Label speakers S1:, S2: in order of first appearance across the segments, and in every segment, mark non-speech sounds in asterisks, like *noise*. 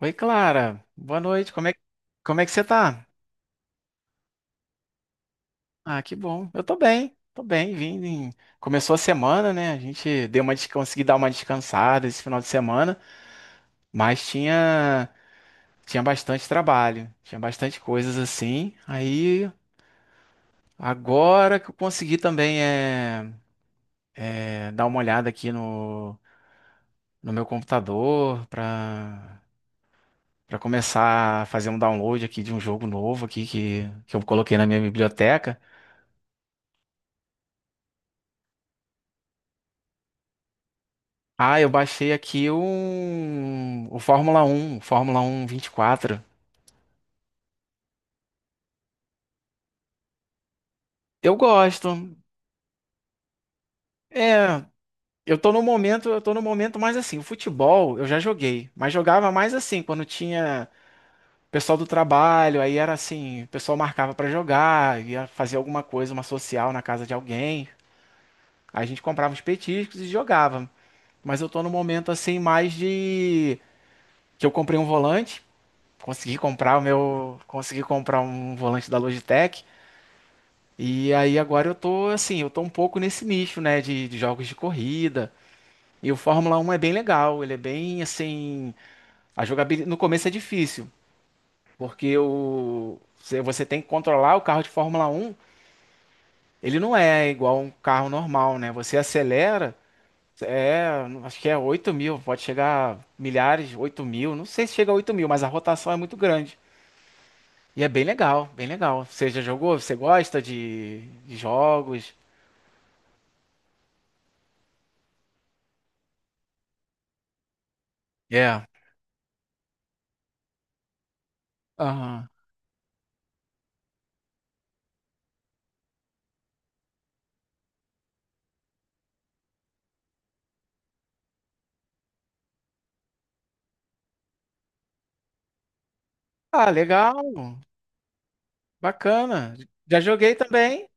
S1: Oi, Clara. Boa noite. Como é que você tá? Ah, que bom. Eu tô bem. Tô bem, começou a semana, né? A gente consegui dar uma descansada esse final de semana, mas tinha bastante trabalho, tinha bastante coisas assim. Aí agora que eu consegui também dar uma olhada aqui no meu computador para começar a fazer um download aqui de um jogo novo aqui que eu coloquei na minha biblioteca. Ah, eu baixei aqui o Fórmula 1, Fórmula 1 24. Eu gosto. É, eu tô no momento mais assim, o futebol eu já joguei, mas jogava mais assim, quando tinha pessoal do trabalho, aí era assim, o pessoal marcava pra jogar, ia fazer alguma coisa, uma social na casa de alguém. Aí a gente comprava uns petiscos e jogava. Mas eu tô no momento assim mais de que eu comprei um volante, consegui comprar um volante da Logitech. E aí agora eu tô assim, eu tô um pouco nesse nicho, né, de jogos de corrida. E o Fórmula Um é bem legal, ele é bem assim, a jogabilidade no começo é difícil, porque o você você tem que controlar o carro de Fórmula Um. Ele não é igual um carro normal, né? Você acelera, é, acho que é 8 mil, pode chegar a milhares, 8 mil, não sei se chega a 8 mil, mas a rotação é muito grande. E é bem legal, bem legal. Você já jogou? Você gosta de jogos? É. Aham. Ah, legal, bacana. Já joguei também,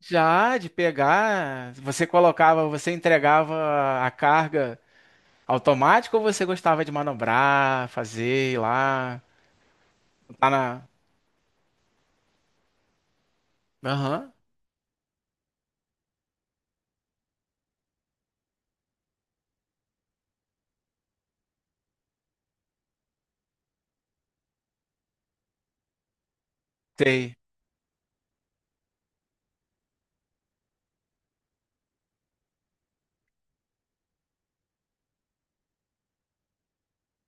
S1: já de pegar. Você colocava, você entregava a carga automática ou você gostava de manobrar, fazer ir lá? Tá na. Aham, sei.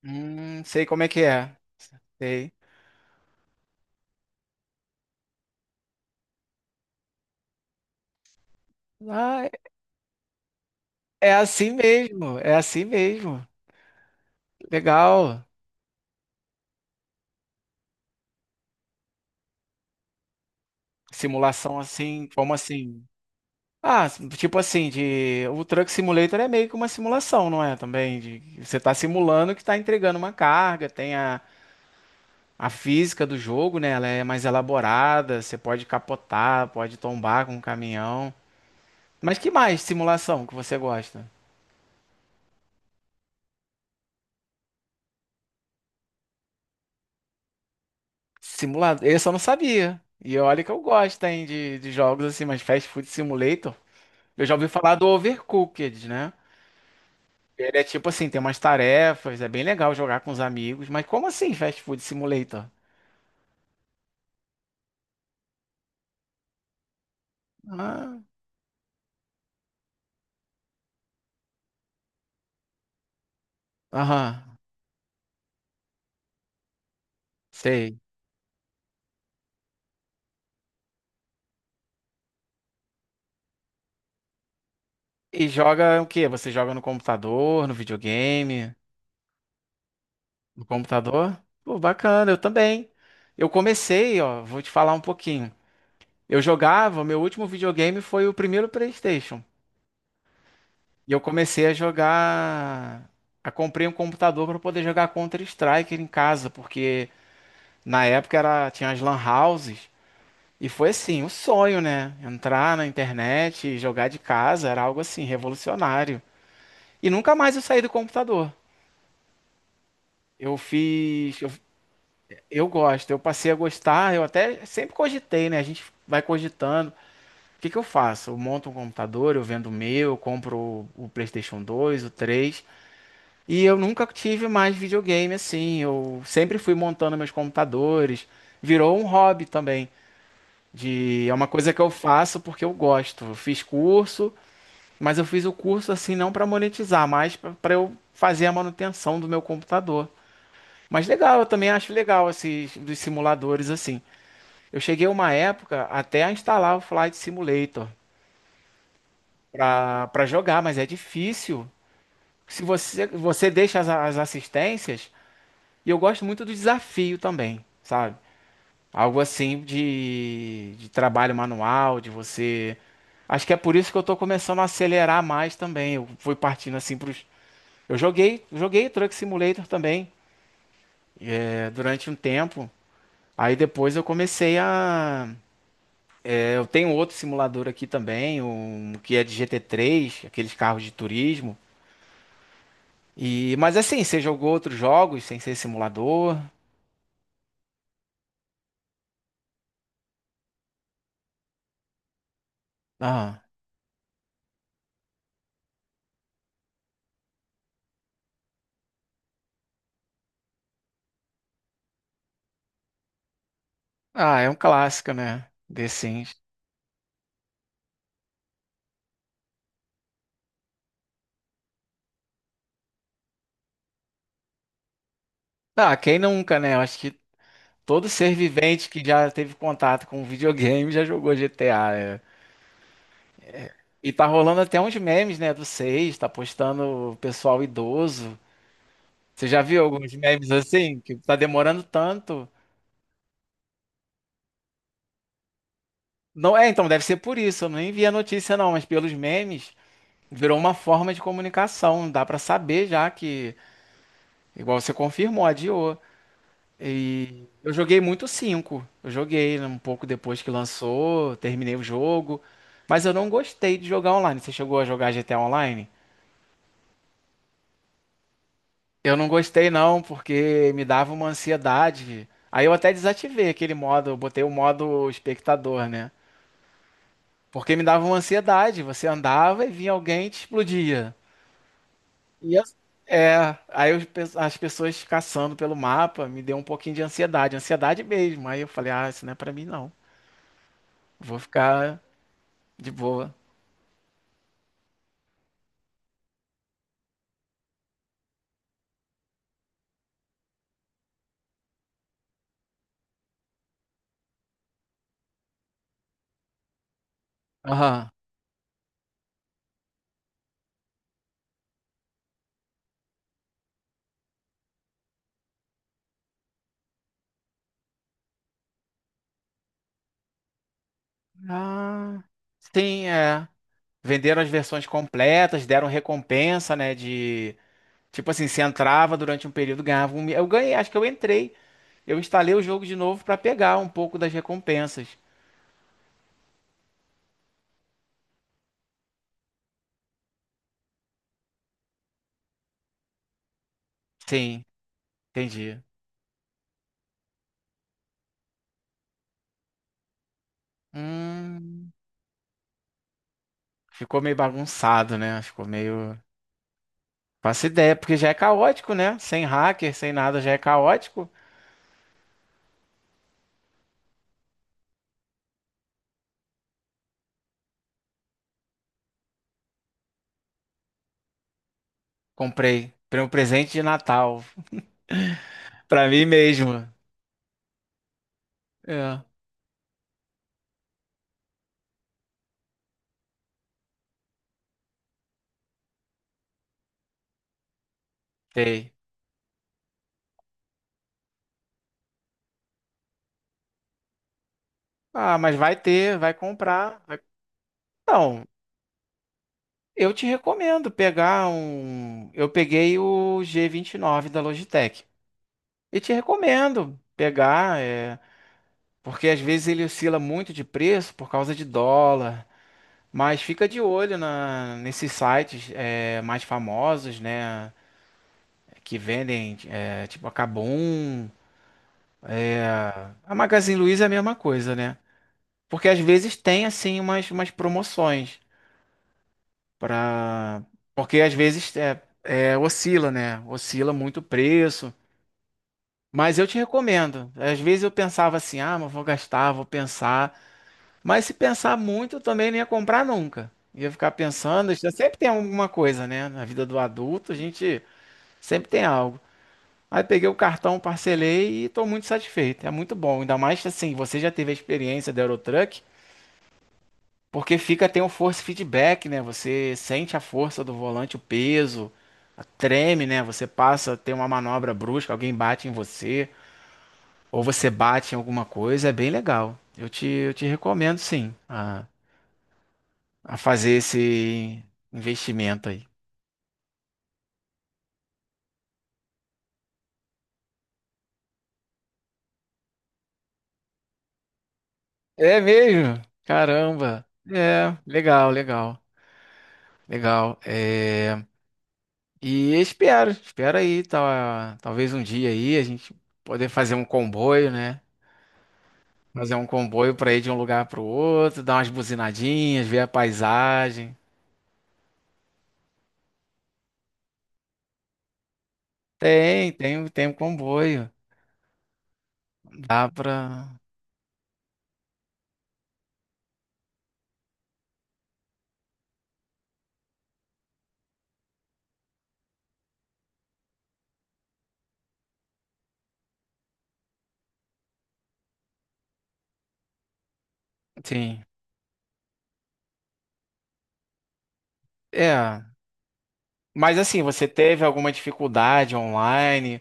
S1: Sei como é que é. Sei. Ah, é assim mesmo, é assim mesmo. Legal. Simulação assim, como assim? Ah, tipo assim, de o Truck Simulator é meio que uma simulação, não é? Também de você tá simulando que tá entregando uma carga, tem a física do jogo, né? Ela é mais elaborada, você pode capotar, pode tombar com o caminhão. Mas que mais simulação que você gosta? Simulado, esse eu não sabia. E olha que eu gosto, hein, de jogos assim, mas Fast Food Simulator. Eu já ouvi falar do Overcooked, né? Ele é tipo assim, tem umas tarefas, é bem legal jogar com os amigos, mas como assim Fast Food Simulator? Ah, aham, sei. E joga o quê? Você joga no computador, no videogame? No computador? Pô, bacana, eu também. Eu comecei, ó, vou te falar um pouquinho. Eu jogava, meu último videogame foi o primeiro PlayStation. E eu comecei a jogar. A comprei um computador para poder jogar Counter-Strike em casa, porque na época era tinha as lan houses. E foi assim, o sonho, né? Entrar na internet e jogar de casa era algo assim, revolucionário. E nunca mais eu saí do computador. Eu fiz. Eu gosto, eu passei a gostar, eu até sempre cogitei, né? A gente vai cogitando. O que que eu faço? Eu monto um computador, eu vendo o meu, eu compro o PlayStation dois, o três. E eu nunca tive mais videogame assim. Eu sempre fui montando meus computadores. Virou um hobby também. De, é uma coisa que eu faço porque eu gosto. Eu fiz curso, mas eu fiz o curso assim não para monetizar, mas para eu fazer a manutenção do meu computador. Mas legal, eu também acho legal esses dos simuladores assim. Eu cheguei uma época até a instalar o Flight Simulator para jogar, mas é difícil. Se você deixa as, as assistências, e eu gosto muito do desafio também, sabe? Algo assim de trabalho manual, de você. Acho que é por isso que eu tô começando a acelerar mais também. Eu fui partindo assim pros. Joguei Truck Simulator também, é, durante um tempo. Aí depois eu comecei a é, eu tenho outro simulador aqui também, um que é de GT3, aqueles carros de turismo. E mas assim, você jogou outros jogos sem ser simulador? Ah, ah, é um clássico, né? The Sims. Ah, quem nunca, né? Eu acho que todo ser vivente que já teve contato com videogame já jogou GTA. É. E tá rolando até uns memes, né, do 6, tá postando o pessoal idoso. Você já viu alguns memes assim que tá demorando tanto? Não, é, então deve ser por isso. Eu nem vi a notícia não, mas pelos memes virou uma forma de comunicação, dá pra saber já que, igual você confirmou, adiou. E eu joguei muito o 5, eu joguei um pouco depois que lançou, terminei o jogo, mas eu não gostei de jogar online. Você chegou a jogar GTA Online? Eu não gostei não, porque me dava uma ansiedade. Aí eu até desativei aquele modo, eu botei o modo espectador, né? Porque me dava uma ansiedade, você andava e vinha alguém e te explodia. E as- é, as pessoas caçando pelo mapa me deu um pouquinho de ansiedade, ansiedade mesmo. Aí eu falei, ah, isso não é pra mim não. Vou ficar de boa. Aham. Ah, sim, é. Venderam as versões completas, deram recompensa, né, de tipo assim, se entrava durante um período, eu ganhei, acho que eu entrei. Eu instalei o jogo de novo pra pegar um pouco das recompensas. Sim, entendi. Hum, ficou meio bagunçado, né? Ficou meio faço ideia, porque já é caótico, né? Sem hacker, sem nada, já é caótico. Comprei. Comprei um presente de Natal. *laughs* Pra mim mesmo. É. Sei. Ah, mas vai ter, vai comprar. Não, eu te recomendo pegar um. Eu peguei o G29 da Logitech. E te recomendo pegar, é porque às vezes ele oscila muito de preço por causa de dólar. Mas fica de olho na nesses sites é, mais famosos, né? Que vendem, é, tipo a Kabum, é, a Magazine Luiza é a mesma coisa, né? Porque às vezes tem assim umas, umas promoções para, porque às vezes oscila, né? Oscila muito o preço. Mas eu te recomendo. Às vezes eu pensava assim, ah, mas vou gastar, vou pensar. Mas se pensar muito, eu também não ia comprar nunca. Ia ficar pensando, sempre tem alguma coisa, né? Na vida do adulto, a gente sempre tem algo. Aí peguei o cartão, parcelei e tô muito satisfeito. É muito bom. Ainda mais assim, você já teve a experiência da Eurotruck, porque fica, tem um force feedback, né? Você sente a força do volante, o peso, treme, né? Você passa, tem uma manobra brusca, alguém bate em você, ou você bate em alguma coisa, é bem legal. Eu te recomendo sim a fazer esse investimento aí. É mesmo? Caramba! É, legal, legal. É. E espero aí, tá, talvez um dia aí a gente poder fazer um comboio, né? Fazer um comboio para ir de um lugar para o outro, dar umas buzinadinhas, ver a paisagem. Tem um comboio. Dá pra. Sim. É. Mas assim, você teve alguma dificuldade online?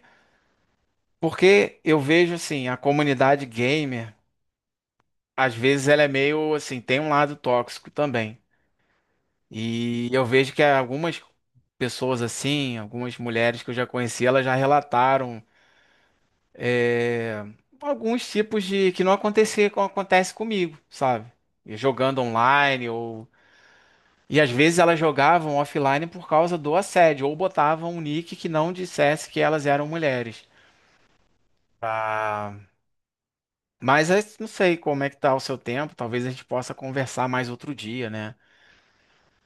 S1: Porque eu vejo assim, a comunidade gamer, às vezes ela é meio assim, tem um lado tóxico também. E eu vejo que algumas pessoas assim, algumas mulheres que eu já conheci, elas já relataram é, alguns tipos de que não acontecia, co- acontece comigo, sabe? E jogando online ou e às vezes elas jogavam offline por causa do assédio ou botavam um nick que não dissesse que elas eram mulheres. Ah, mas eu não sei como é que tá o seu tempo, talvez a gente possa conversar mais outro dia, né?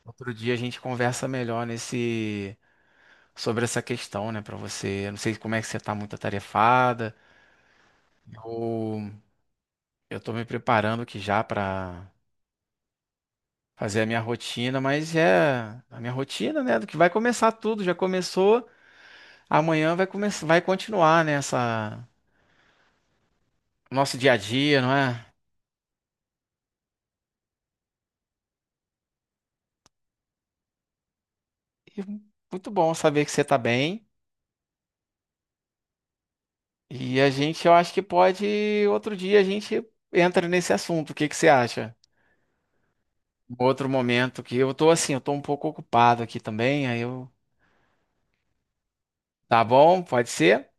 S1: Outro dia a gente conversa melhor nesse sobre essa questão, né, pra você. Eu não sei como é que você tá muito atarefada. Eu, eu tô me preparando aqui já pra fazer a minha rotina, mas é a minha rotina, né? Do que vai começar tudo, já começou, amanhã vai começar, vai continuar, né? Essa, nosso dia a dia, não é? E muito bom saber que você tá bem. E a gente, eu acho que pode, outro dia a gente entra nesse assunto. O que que você acha? Um outro momento que eu tô assim, eu tô um pouco ocupado aqui também, aí eu, tá bom? Pode ser?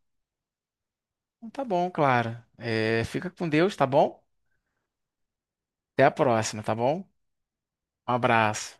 S1: Então tá bom, claro. É, fica com Deus, tá bom? Até a próxima, tá bom? Um abraço.